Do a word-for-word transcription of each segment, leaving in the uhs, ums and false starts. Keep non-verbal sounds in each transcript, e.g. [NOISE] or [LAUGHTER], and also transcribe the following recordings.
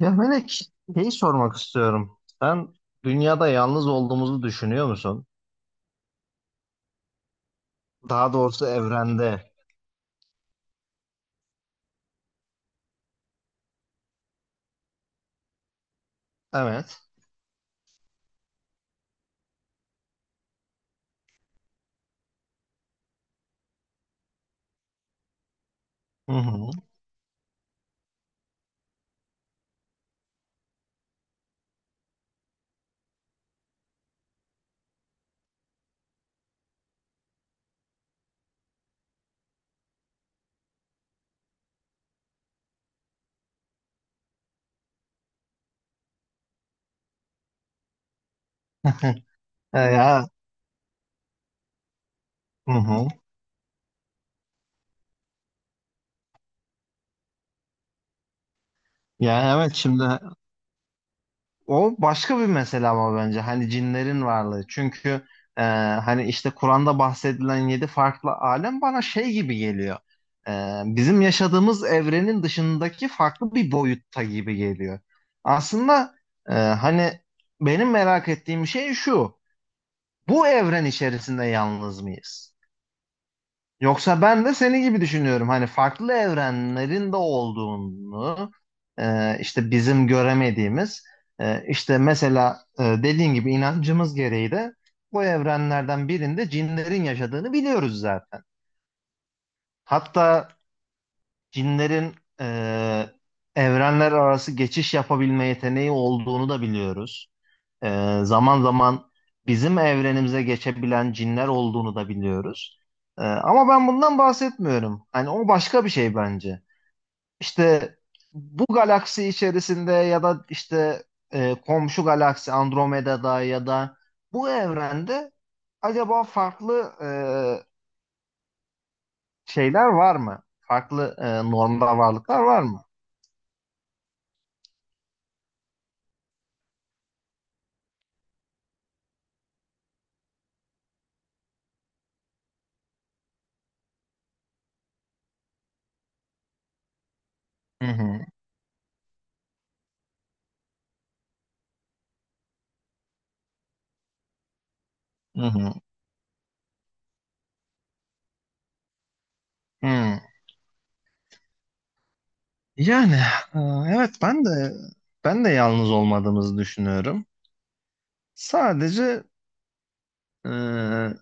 Ya Melek, şeyi sormak istiyorum. Sen dünyada yalnız olduğumuzu düşünüyor musun? Daha doğrusu evrende. Evet. Hı hı. [LAUGHS] E Ya, hı hı. Ya evet şimdi o başka bir mesele ama bence hani cinlerin varlığı. Çünkü e, hani işte Kur'an'da bahsedilen yedi farklı alem bana şey gibi geliyor. E, bizim yaşadığımız evrenin dışındaki farklı bir boyutta gibi geliyor. Aslında e, hani benim merak ettiğim şey şu. bu evren içerisinde yalnız mıyız? Yoksa ben de seni gibi düşünüyorum. Hani farklı evrenlerin de olduğunu e, işte bizim göremediğimiz e, işte mesela e, dediğin gibi inancımız gereği de bu evrenlerden birinde cinlerin yaşadığını biliyoruz zaten. Hatta cinlerin e, evrenler arası geçiş yapabilme yeteneği olduğunu da biliyoruz. Ee, zaman zaman bizim evrenimize geçebilen cinler olduğunu da biliyoruz. Ee, ama ben bundan bahsetmiyorum. Hani o başka bir şey bence. İşte bu galaksi içerisinde ya da işte e, komşu galaksi Andromeda'da ya da bu evrende acaba farklı e, şeyler var mı? Farklı e, normda varlıklar var mı? Hı hı, hı hı, hı. Yani e, evet ben de ben de yalnız olmadığımızı düşünüyorum. Sadece e,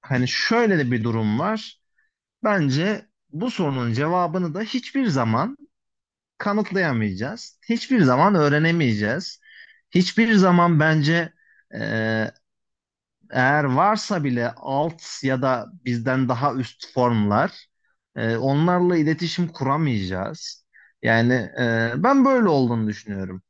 hani şöyle de bir durum var. Bence bu sorunun cevabını da hiçbir zaman kanıtlayamayacağız. Hiçbir zaman öğrenemeyeceğiz. Hiçbir zaman bence e, eğer varsa bile alt ya da bizden daha üst formlar e, onlarla iletişim kuramayacağız. Yani e, ben böyle olduğunu düşünüyorum.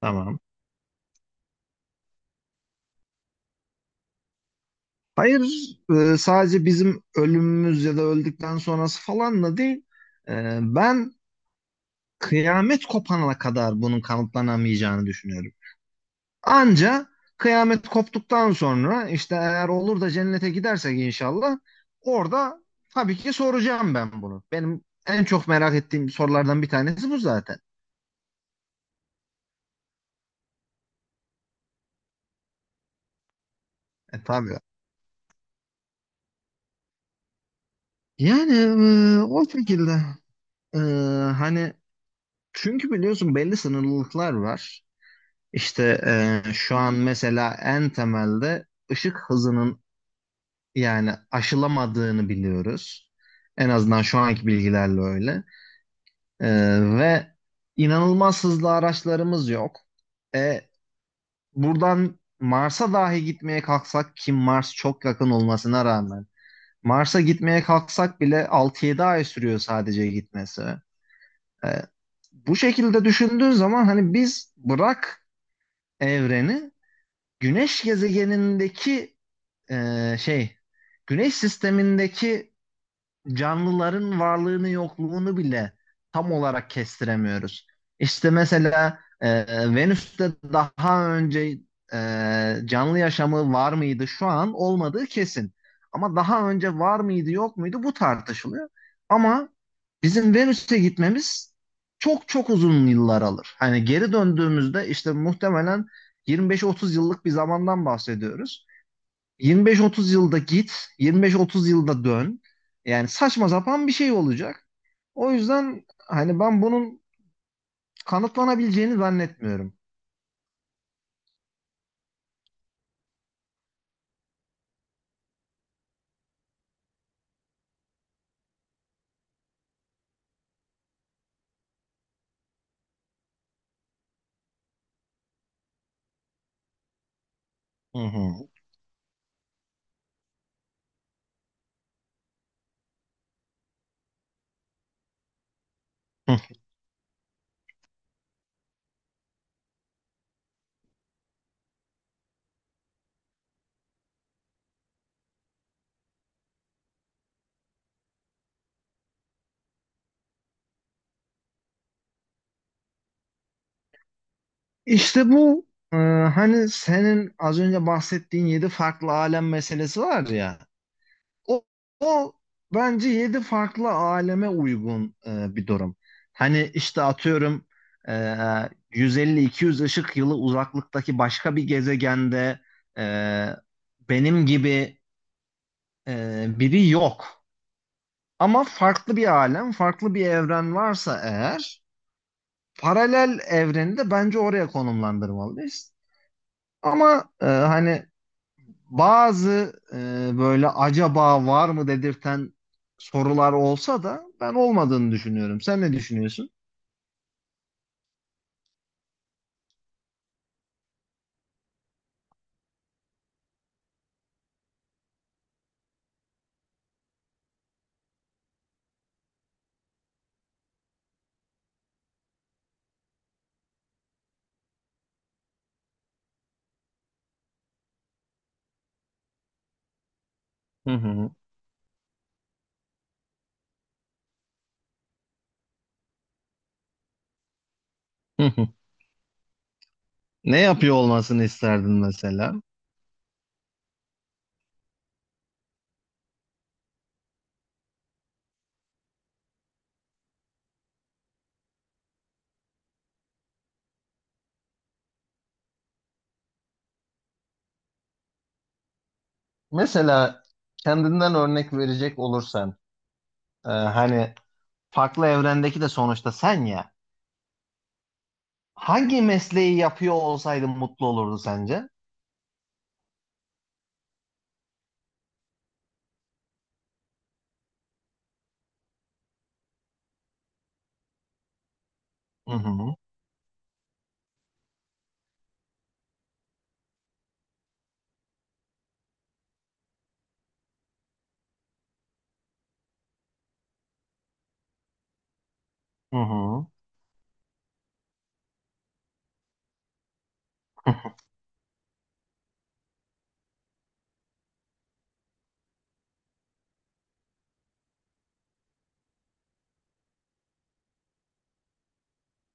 Tamam. Hayır, e, sadece bizim ölümümüz ya da öldükten sonrası falanla değil. E, ben kıyamet kopana kadar bunun kanıtlanamayacağını düşünüyorum. Anca kıyamet koptuktan sonra işte eğer olur da cennete gidersek inşallah orada tabii ki soracağım ben bunu. Benim en çok merak ettiğim sorulardan bir tanesi bu zaten. E tabii. Yani e, o şekilde. E, Hani çünkü biliyorsun belli sınırlılıklar var. İşte e, şu an mesela en temelde ışık hızının yani aşılamadığını biliyoruz. En azından şu anki bilgilerle öyle. E, Ve inanılmaz hızlı araçlarımız yok. E, Buradan Mars'a dahi gitmeye kalksak ki Mars çok yakın olmasına rağmen Mars'a gitmeye kalksak bile altı yedi ay sürüyor sadece gitmesi. E, Bu şekilde düşündüğün zaman hani biz bırak evreni Güneş gezegenindeki e, şey Güneş sistemindeki canlıların varlığını yokluğunu bile tam olarak kestiremiyoruz. İşte mesela e, Venüs'te daha önce e, canlı yaşamı var mıydı? Şu an olmadığı kesin. Ama daha önce var mıydı yok muydu bu tartışılıyor. Ama bizim Venüs'e gitmemiz çok çok uzun yıllar alır. Hani geri döndüğümüzde işte muhtemelen yirmi beş otuz yıllık bir zamandan bahsediyoruz. yirmi beş otuz yılda git, yirmi beş otuz yılda dön. Yani saçma sapan bir şey olacak. O yüzden hani ben bunun kanıtlanabileceğini zannetmiyorum. Hı hı. Hı. İşte bu e, hani senin az önce bahsettiğin yedi farklı alem meselesi var ya. O, o bence yedi farklı aleme uygun e, bir durum. Hani işte atıyorum e, yüz elli iki yüz ışık yılı uzaklıktaki başka bir gezegende e, benim gibi e, biri yok. Ama farklı bir alem, farklı bir evren varsa eğer paralel evreni de bence oraya konumlandırmalıyız. Ama e, hani bazı e, böyle acaba var mı dedirten sorular olsa da ben olmadığını düşünüyorum. Sen ne düşünüyorsun? Hı hı. Hı hı. Ne yapıyor olmasını isterdin mesela? Mesela kendinden örnek verecek olursan, e, hani farklı evrendeki de sonuçta sen ya. Hangi mesleği yapıyor olsaydın mutlu olurdu sence? Hı hı. Hı hı.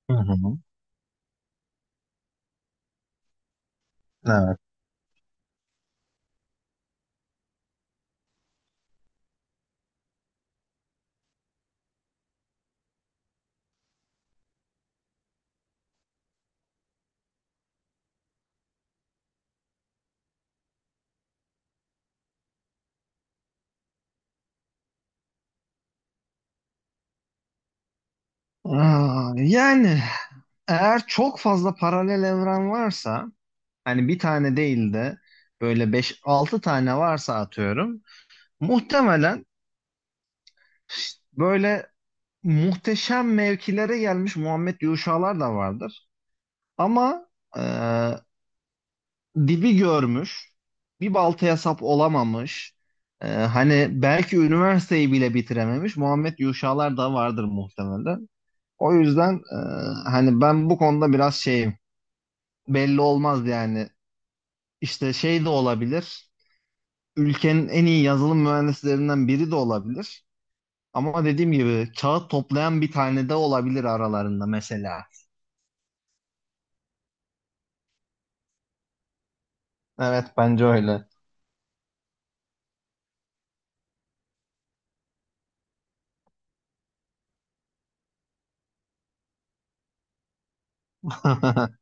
Hı hı. Evet. Aa, yani eğer çok fazla paralel evren varsa Hani bir tane değil de böyle beş altı tane varsa atıyorum. Muhtemelen böyle muhteşem mevkilere gelmiş Muhammed Yuşalar da vardır. Ama e, dibi görmüş, bir baltaya sap olamamış, e, hani belki üniversiteyi bile bitirememiş Muhammed Yuşalar da vardır muhtemelen. O yüzden e, hani ben bu konuda biraz şeyim, belli olmaz yani. İşte şey de olabilir. ülkenin en iyi yazılım mühendislerinden biri de olabilir. Ama dediğim gibi kağıt toplayan bir tane de olabilir aralarında mesela. Evet bence öyle. [LAUGHS]